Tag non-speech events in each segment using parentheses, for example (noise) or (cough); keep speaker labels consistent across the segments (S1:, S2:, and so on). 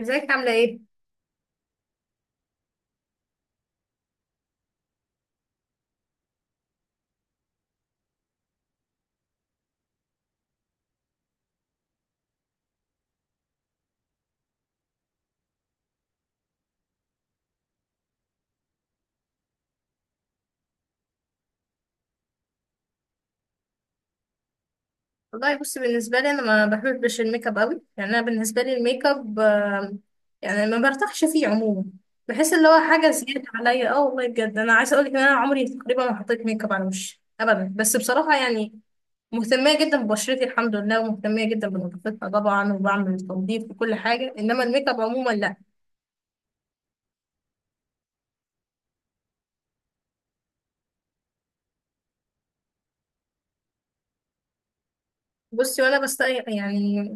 S1: ازيك عاملة ايه؟ والله بصي بالنسبة لي انا ما بحبش الميك اب قوي، يعني انا بالنسبة لي الميك اب يعني ما برتاحش فيه عموما. بحس اللي هو حاجة زيادة عليا. اه والله بجد انا عايزة اقولك ان انا عمري تقريبا ما حطيت ميك اب على وشي ابدا، بس بصراحة يعني مهتمية جدا ببشرتي الحمد لله، ومهتمية جدا بنظافتها طبعا، وبعمل تنظيف وكل حاجة، انما الميك اب عموما لا. بصي وانا بستقي يعني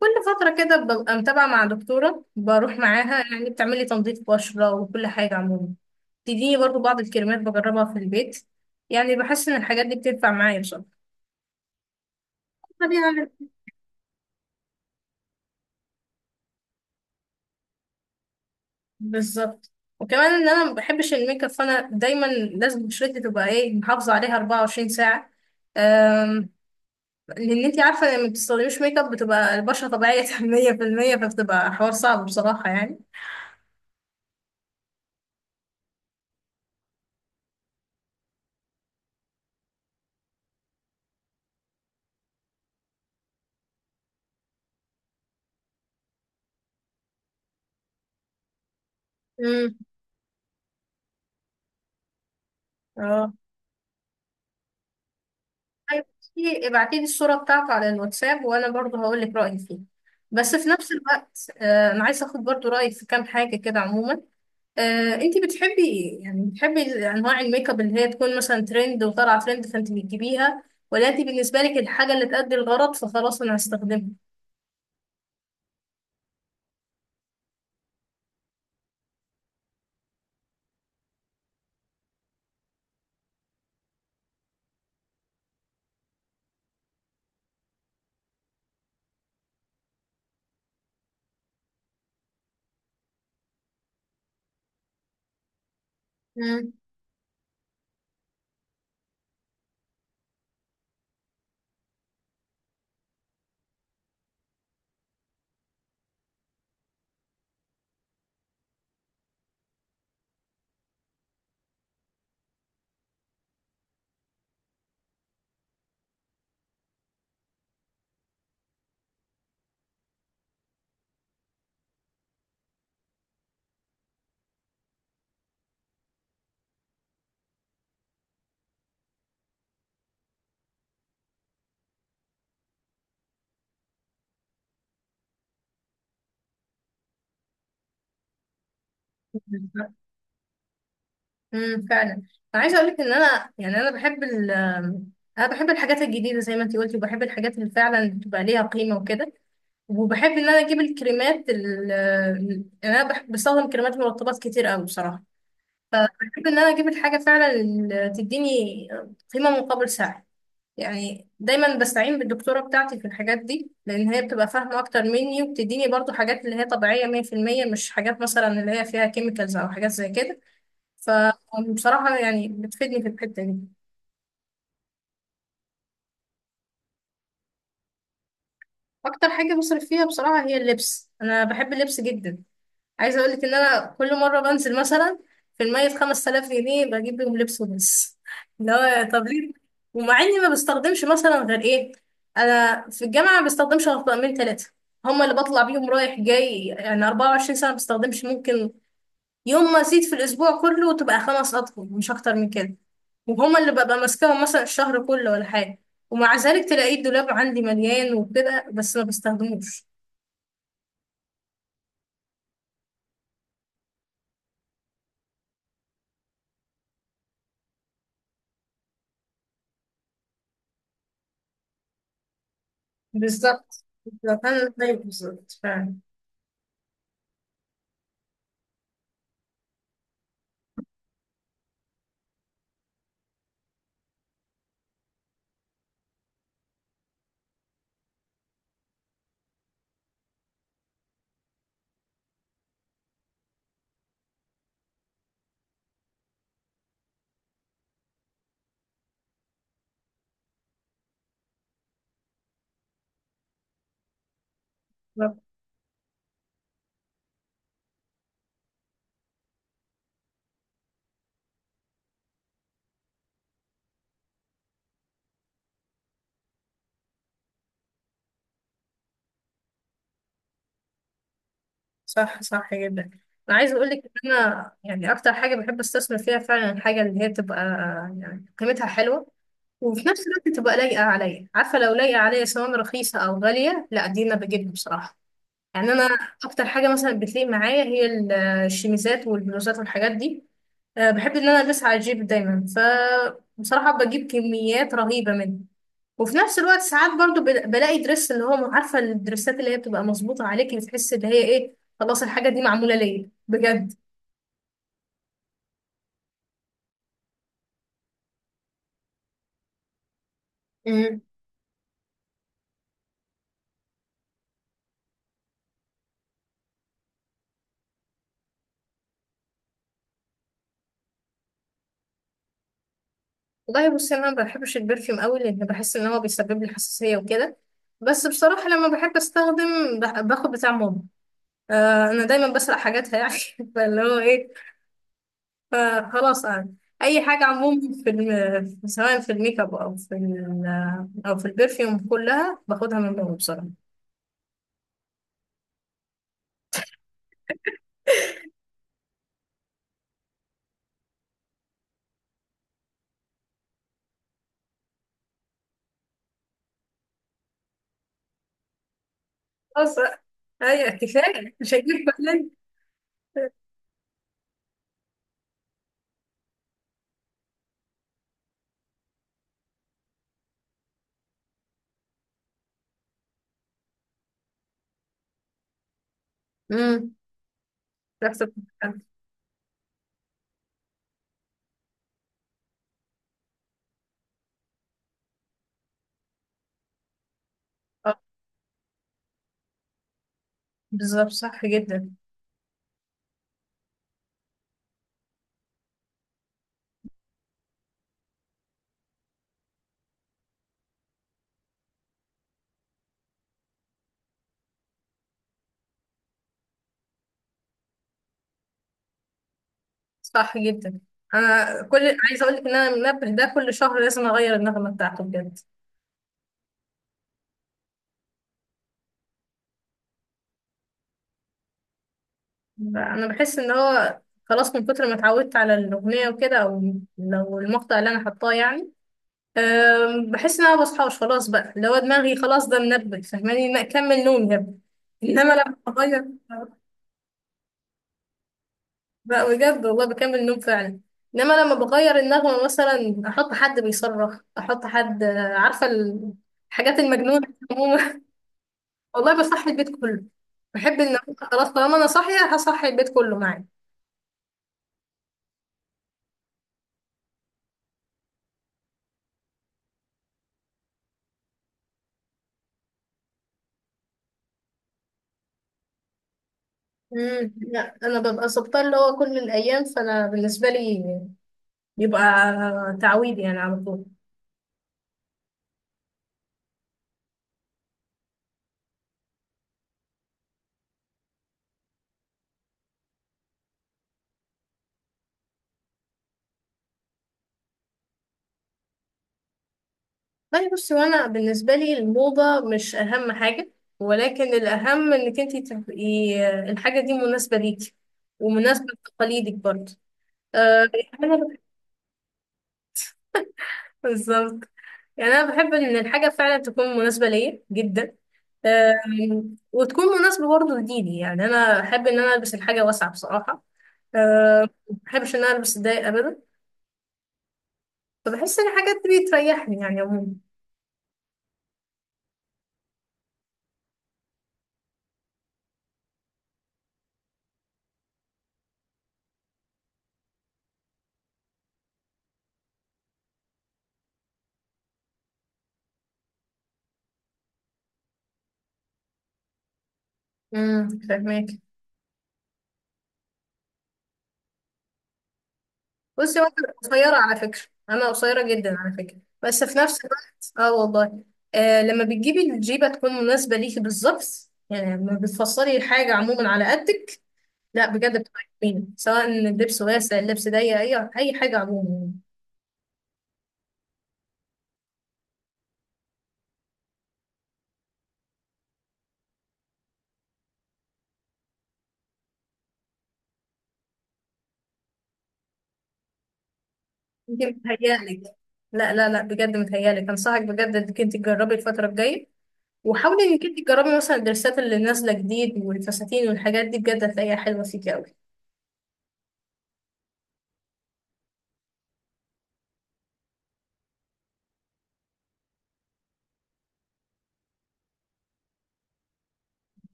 S1: كل فترة كده ببقى متابعة مع دكتورة، بروح معاها يعني بتعملي تنظيف بشرة وكل حاجة عموما. تديني برضو بعض الكريمات بجربها في البيت، يعني بحس ان الحاجات دي بتنفع معايا بصراحة. طبيعي. بالظبط. وكمان ان انا ما بحبش الميك اب، فانا دايما لازم بشرتي تبقى ايه، محافظة عليها 24 ساعة. أم... لان انتي عارفة لما بتستخدميش ميك اب بتبقى البشرة طبيعية (laughs) 100%، فبتبقى حوار صعب بصراحة يعني. امم. اه طيب ابعتي لي الصورة بتاعته على الواتساب وانا برضه هقول لك رأيي فيه. بس في نفس الوقت انا عايزة اخد برضه رأيك في كام حاجة كده عموما. انتي بتحبي ايه، يعني بتحبي انواع الميك اب اللي هي تكون مثلا ترند وطالعة ترند فانت بتجيبيها، ولا انتي بالنسبة لك الحاجة اللي تأدي الغرض فخلاص انا هستخدمها؟ مم. فعلا. انا عايزه اقول لك ان انا يعني انا بحب ال انا بحب الحاجات الجديده زي ما انت قلتي، وبحب الحاجات اللي فعلا بتبقى ليها قيمه وكده. وبحب ان انا اجيب الكريمات انا بحب بستخدم كريمات مرطبات كتير قوي بصراحه. فبحب ان انا اجيب الحاجه فعلا اللي تديني قيمه مقابل سعر. يعني دايما بستعين بالدكتوره بتاعتي في الحاجات دي، لان هي بتبقى فاهمه اكتر مني، وبتديني برضو حاجات اللي هي طبيعيه 100%، مش حاجات مثلا اللي هي فيها كيميكالز او حاجات زي كده. فبصراحه يعني بتفيدني في الحته دي. اكتر حاجه بصرف فيها بصراحه هي اللبس، انا بحب اللبس جدا. عايزه اقول لك ان انا كل مره بنزل مثلا في المية 5000 جنيه بجيب بيهم لبس وبس، اللي هو طب ليه؟ ومع اني ما بستخدمش مثلا غير ايه، انا في الجامعه ما بستخدمش غير طقمين ثلاثه، هما اللي بطلع بيهم رايح جاي يعني 24 ساعه. ما بستخدمش، ممكن يوم ما ازيد في الاسبوع كله تبقى خمس اطقم مش اكتر من كده، وهما اللي ببقى ماسكاهم مثلا الشهر كله ولا حاجه، ومع ذلك تلاقي الدولاب عندي مليان وكده بس ما بستخدموش. بالظبط بالظبط انا زيك بالظبط فعلا. صح. صح جدا. انا عايز اقول لك ان انا يعني اكتر حاجه بحب استثمر فيها فعلا الحاجه اللي هي تبقى يعني قيمتها حلوه، وفي نفس الوقت تبقى لايقه عليا. عارفه لو لايقه عليا سواء رخيصه او غاليه لا، دي انا بجيبها بصراحه. يعني انا اكتر حاجه مثلا بتليق معايا هي الشميزات والبلوزات والحاجات دي. بحب ان انا البسها على الجيب دايما، فبصراحة بجيب كميات رهيبة منه. وفي نفس الوقت ساعات برضو بلاقي درس اللي هو، عارفة الدرسات اللي هي بتبقى مظبوطة عليكي، بتحس اللي هي ايه، خلاص الحاجة دي معمولة ليا بجد. امم. والله بصي انا ما بحبش البرفيوم قوي، لان بحس ان هو بيسبب لي حساسيه وكده. بس بصراحه لما بحب استخدم باخد بتاع ماما. آه انا دايما بسرق حاجاتها يعني. (laughs) فاللي هو ايه، فخلاص يعني اي حاجه عموما في سواء في الميك اب او في ال... او في البرفيوم، كلها باخدها من بره بسرعه. خلاص بقى. ايوه كفايه، مش هجيب. بالين. امم. ريحة البقال. آه، بالظبط صح جدا. صح جدا. انا كل عايزه اقول لك ان انا المنبه ده كل شهر لازم اغير النغمه بتاعته بجد. انا بحس ان هو خلاص من كتر ما اتعودت على الاغنيه وكده، او لو المقطع اللي انا حطاه يعني بحس ان انا مبصحاش خلاص بقى، لو دماغي خلاص ده منبه، فاهماني إن اكمل نوم يا ابني. انما لما بغير بقى، بجد والله بكمل نوم فعلا. انما لما بغير النغمه مثلا احط حد بيصرخ، احط حد، عارفه، الحاجات المجنونه عموما. (laughs) والله بصحي البيت كله. بحب ان خلاص طالما انا صاحيه هصحي البيت كله معايا. امم. لا انا ببقى ظابطه اللي هو كل الايام، فانا بالنسبه لي بيبقى تعويض يعني على طول. طيب بصي، وانا بالنسبه لي الموضه مش اهم حاجه، ولكن الاهم انك انت تبقي الحاجه دي مناسبه ليكي، ومناسبه لتقاليدك برضه. آه يعني انا (laughs) بالظبط. يعني انا بحب ان الحاجه فعلا تكون مناسبه ليا جدا. آه، وتكون مناسبه برضه لديني. يعني انا احب ان انا البس الحاجه واسعه بصراحه. آه، ما بحبش ان انا البس ضيق ابدا، فبحس ان الحاجات دي بتريحني يعني عموما. فاهمك. بصي وانا قصيره على فكره، انا قصيره جدا على فكره. بس في نفس الوقت اه والله آه، لما بتجيبي الجيبه تكون مناسبه ليكي بالظبط، يعني لما بتفصلي الحاجه عموما على قدك، لا بجد بتبقى جميله، سواء اللبس واسع اللبس ضيق اي اي حاجه عموما يعني. انت متهيألك، لا لا لا بجد متهيألك، انصحك بجد انك انت تجربي الفتره الجايه، وحاولي انك انت تجربي مثلا الدرسات اللي نازله جديد والفساتين والحاجات دي، بجد هتلاقيها حلوه فيكي قوي.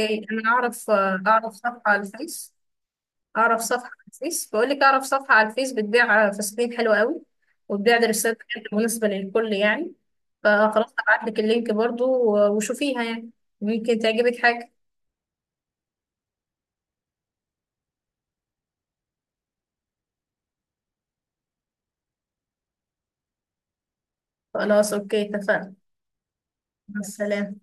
S1: اوكي انا اعرف اعرف صفحه على الفيس. اعرف صفحه على الفيس، بقول لك اعرف صفحه على الفيس بتبيع فساتين حلوه قوي، وبتبيع دريسات كانت مناسبه للكل يعني. فخلاص هبعت لك اللينك برضو وشوفيها يعني، ممكن تعجبك حاجه. خلاص اوكي اتفقنا. مع السلامه.